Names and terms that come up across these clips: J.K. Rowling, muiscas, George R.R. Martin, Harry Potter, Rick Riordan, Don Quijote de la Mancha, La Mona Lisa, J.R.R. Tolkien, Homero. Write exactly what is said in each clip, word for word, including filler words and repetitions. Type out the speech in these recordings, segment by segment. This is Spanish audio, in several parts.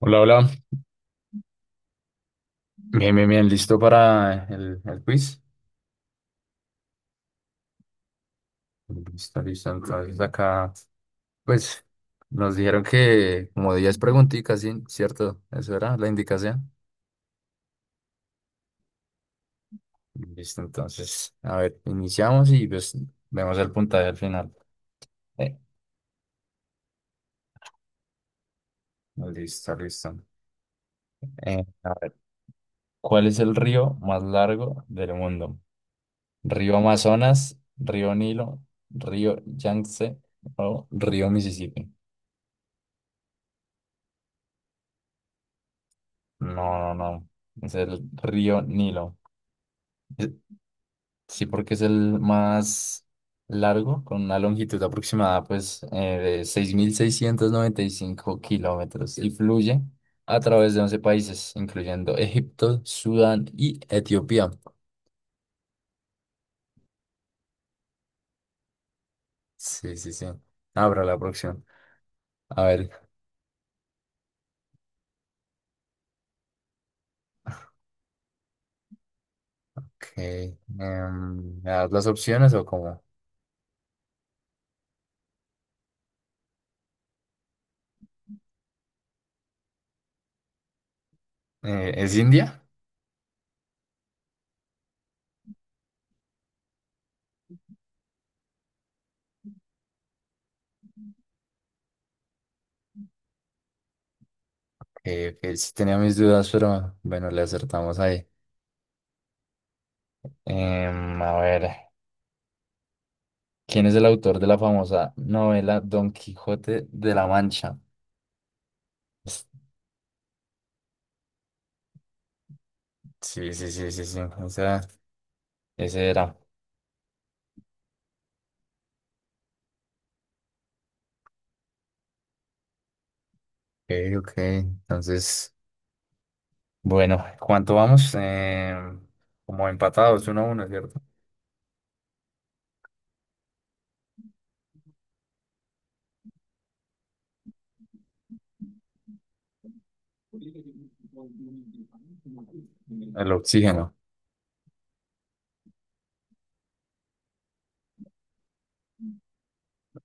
Hola, hola. Bien, bien, bien. ¿Listo para el, el quiz? Listo, listo. Entonces acá, pues, nos dijeron que como diez preguntitas, ¿sí? ¿Cierto? Eso era la indicación. Listo, entonces, a ver, iniciamos y pues vemos el puntaje al final. Eh, listo, listo. Eh, a ver, ¿cuál es el río más largo del mundo? ¿Río Amazonas, Río Nilo, Río Yangtze o Río Mississippi? No, no, no. Es el río Nilo. Eh, Sí, porque es el más largo, con una longitud aproximada pues, eh, de seis mil seiscientos noventa y cinco kilómetros y fluye a través de once países, incluyendo Egipto, Sudán y Etiopía. Sí, sí, sí. Abra la próxima. A ver, ¿qué, em, ¿me das las opciones o cómo? Eh, ¿es India? Eh, que sí tenía mis dudas, pero bueno, le acertamos ahí. Em, a ver. ¿Quién es el autor de la famosa novela Don Quijote de la Mancha? Es- Sí, sí, sí, sí, sí. esa- ese era. Ok, ok. Entonces, bueno, ¿cuánto vamos? Eh, como empatados, uno a uno, ¿cierto? El oxígeno.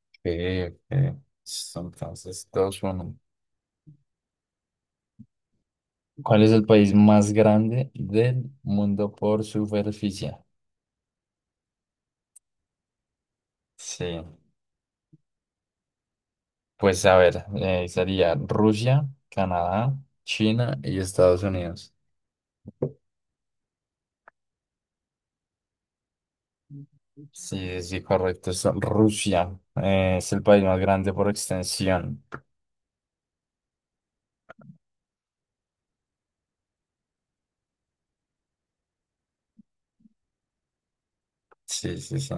Ok, ok. Entonces, dos, uno. ¿Cuál es el país más grande del mundo por superficie? Sí. Pues a ver, eh, sería Rusia, Canadá, China y Estados Unidos. Sí, sí, correcto. Es Rusia, eh, es el país más grande por extensión. Sí, sí, sí.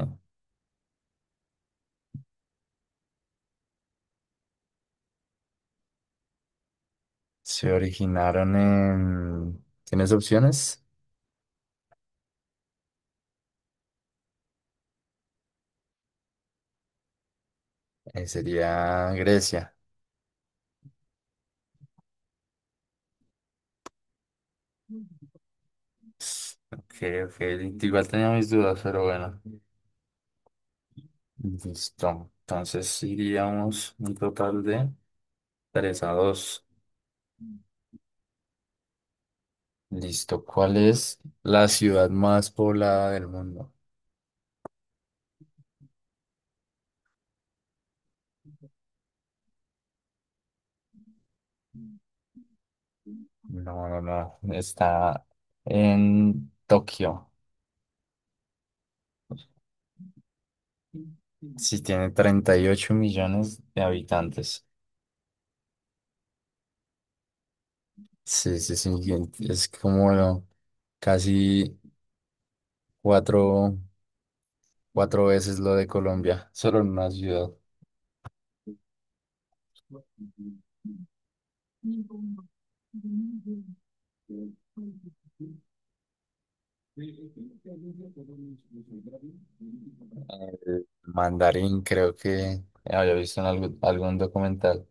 Se originaron en... ¿Tienes opciones? Eh, sería Grecia. Ok, ok. Igual tenía mis dudas, pero bueno. Listo. Entonces iríamos un total de tres a dos. Listo. ¿Cuál es la ciudad más poblada del mundo? No, no, no. Está en Tokio. Sí, tiene treinta y ocho millones de habitantes. Sí, sí, sí. Es como lo- casi cuatro, cuatro veces lo de Colombia, solo en una ciudad. El mandarín, creo que había visto en algún, algún documental.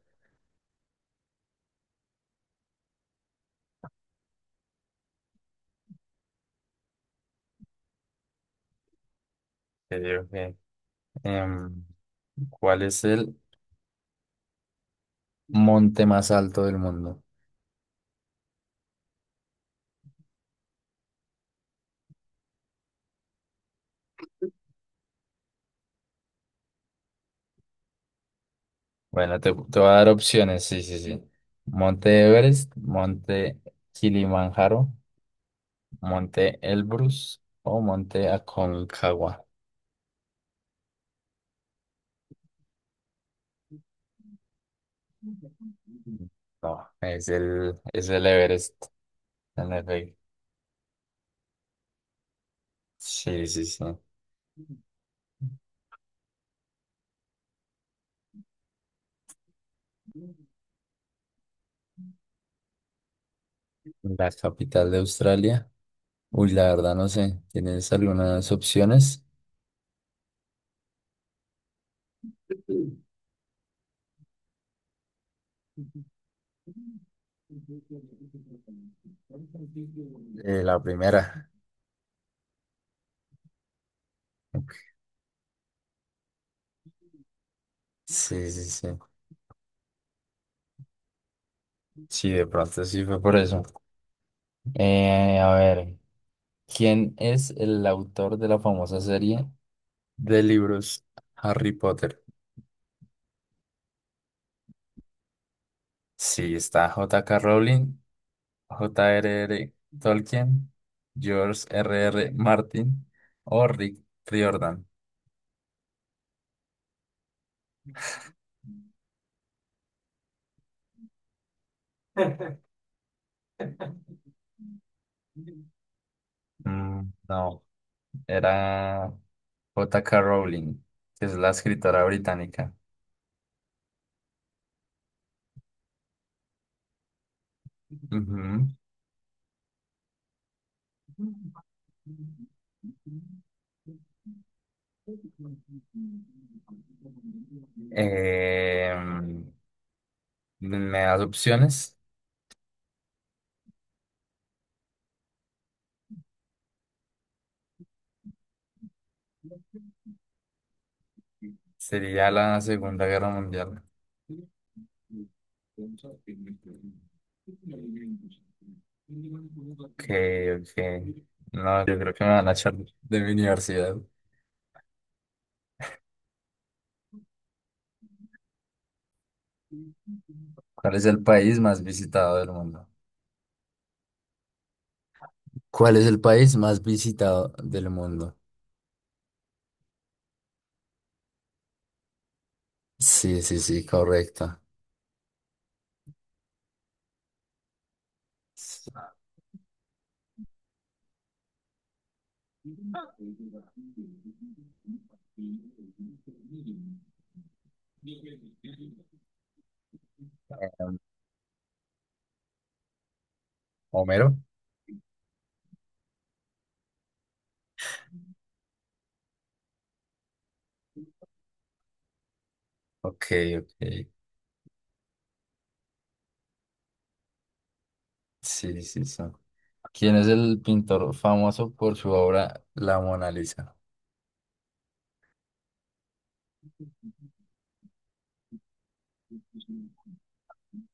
Que digo que, Em, ¿cuál es el monte más alto del mundo? Bueno, te, te voy a dar opciones, sí, sí, sí. Monte Everest, Monte Kilimanjaro, Monte Elbrus o Monte Aconcagua. No, es el, es el Everest, en efecto. Sí, sí, sí. La capital de Australia. Uy, la verdad no sé. ¿Tienes algunas opciones? Eh, la primera. Ok. Sí, sí, sí. Sí, de pronto sí fue por eso. Eh, a ver, ¿quién es el autor de la famosa serie de libros Harry Potter? Sí, está J K. Rowling, J R R. Tolkien, George R R. Martin o Rick Riordan. Mm, no, era J K. Rowling, que es la escritora británica. Ujú. Eh, me das opciones. Sería la Segunda Guerra Mundial. Ok, ok. No, yo creo que me van a echar de mi universidad. ¿Cuál es el país más visitado del mundo? ¿Cuál es el país más visitado del mundo? Sí, sí, sí, correcto. Um, Homero. Ok, ok. Sí, sí, sí. ¿Quién es el pintor famoso por su obra La Mona Lisa?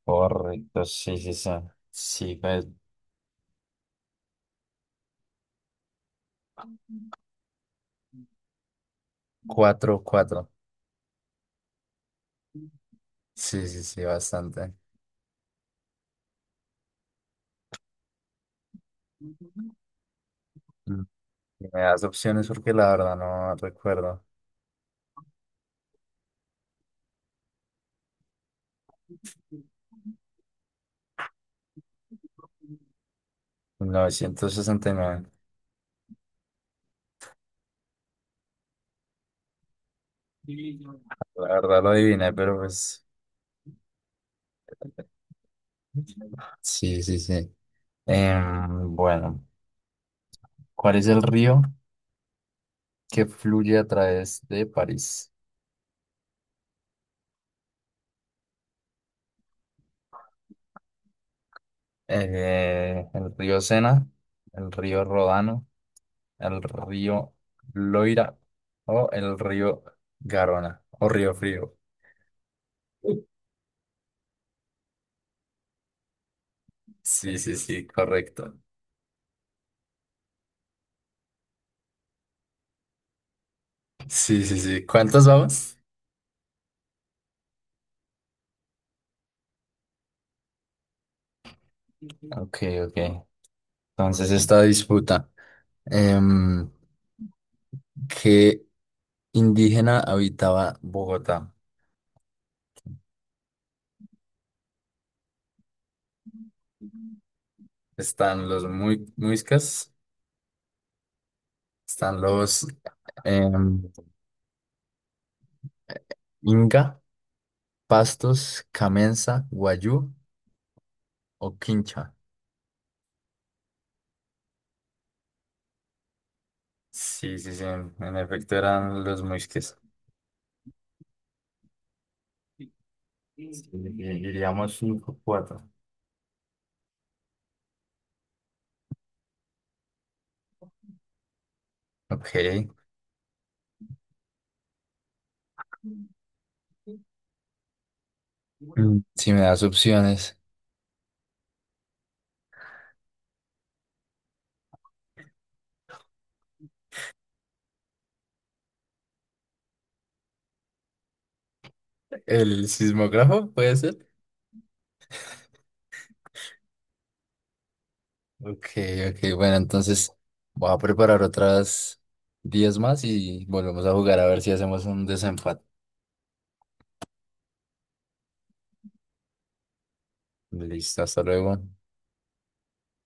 Correcto, sí, sí, sí. Sí, pues, cuatro, cuatro. Sí, sí, sí, bastante. Mm. Y me das opciones porque la verdad no recuerdo. Novecientos sesenta y nueve. La verdad lo adiviné, pero pues. Sí, sí, sí. Em, bueno, ¿cuál es el río que fluye a través de París? Eh, el río Sena, el río Rodano, el río Loira o el río Garona o Río Frío. Sí, sí, sí, correcto. Sí, sí, sí. ¿Cuántos vamos? Ok, ok. Entonces esta disputa. em, ¿qué indígena habitaba Bogotá? Están los muy, muiscas, están los em, Inca, Pastos, Camenza, Guayú o Quincha. Sí, sí, sí. En en efecto eran los muisques. Sí, diríamos cinco, cuatro. Ok. Mm, si me das opciones. ¿El sismógrafo puede ser? Ok, ok, bueno, entonces voy a preparar otras diez más y volvemos a jugar a ver si hacemos un desenfado. Listo, hasta luego.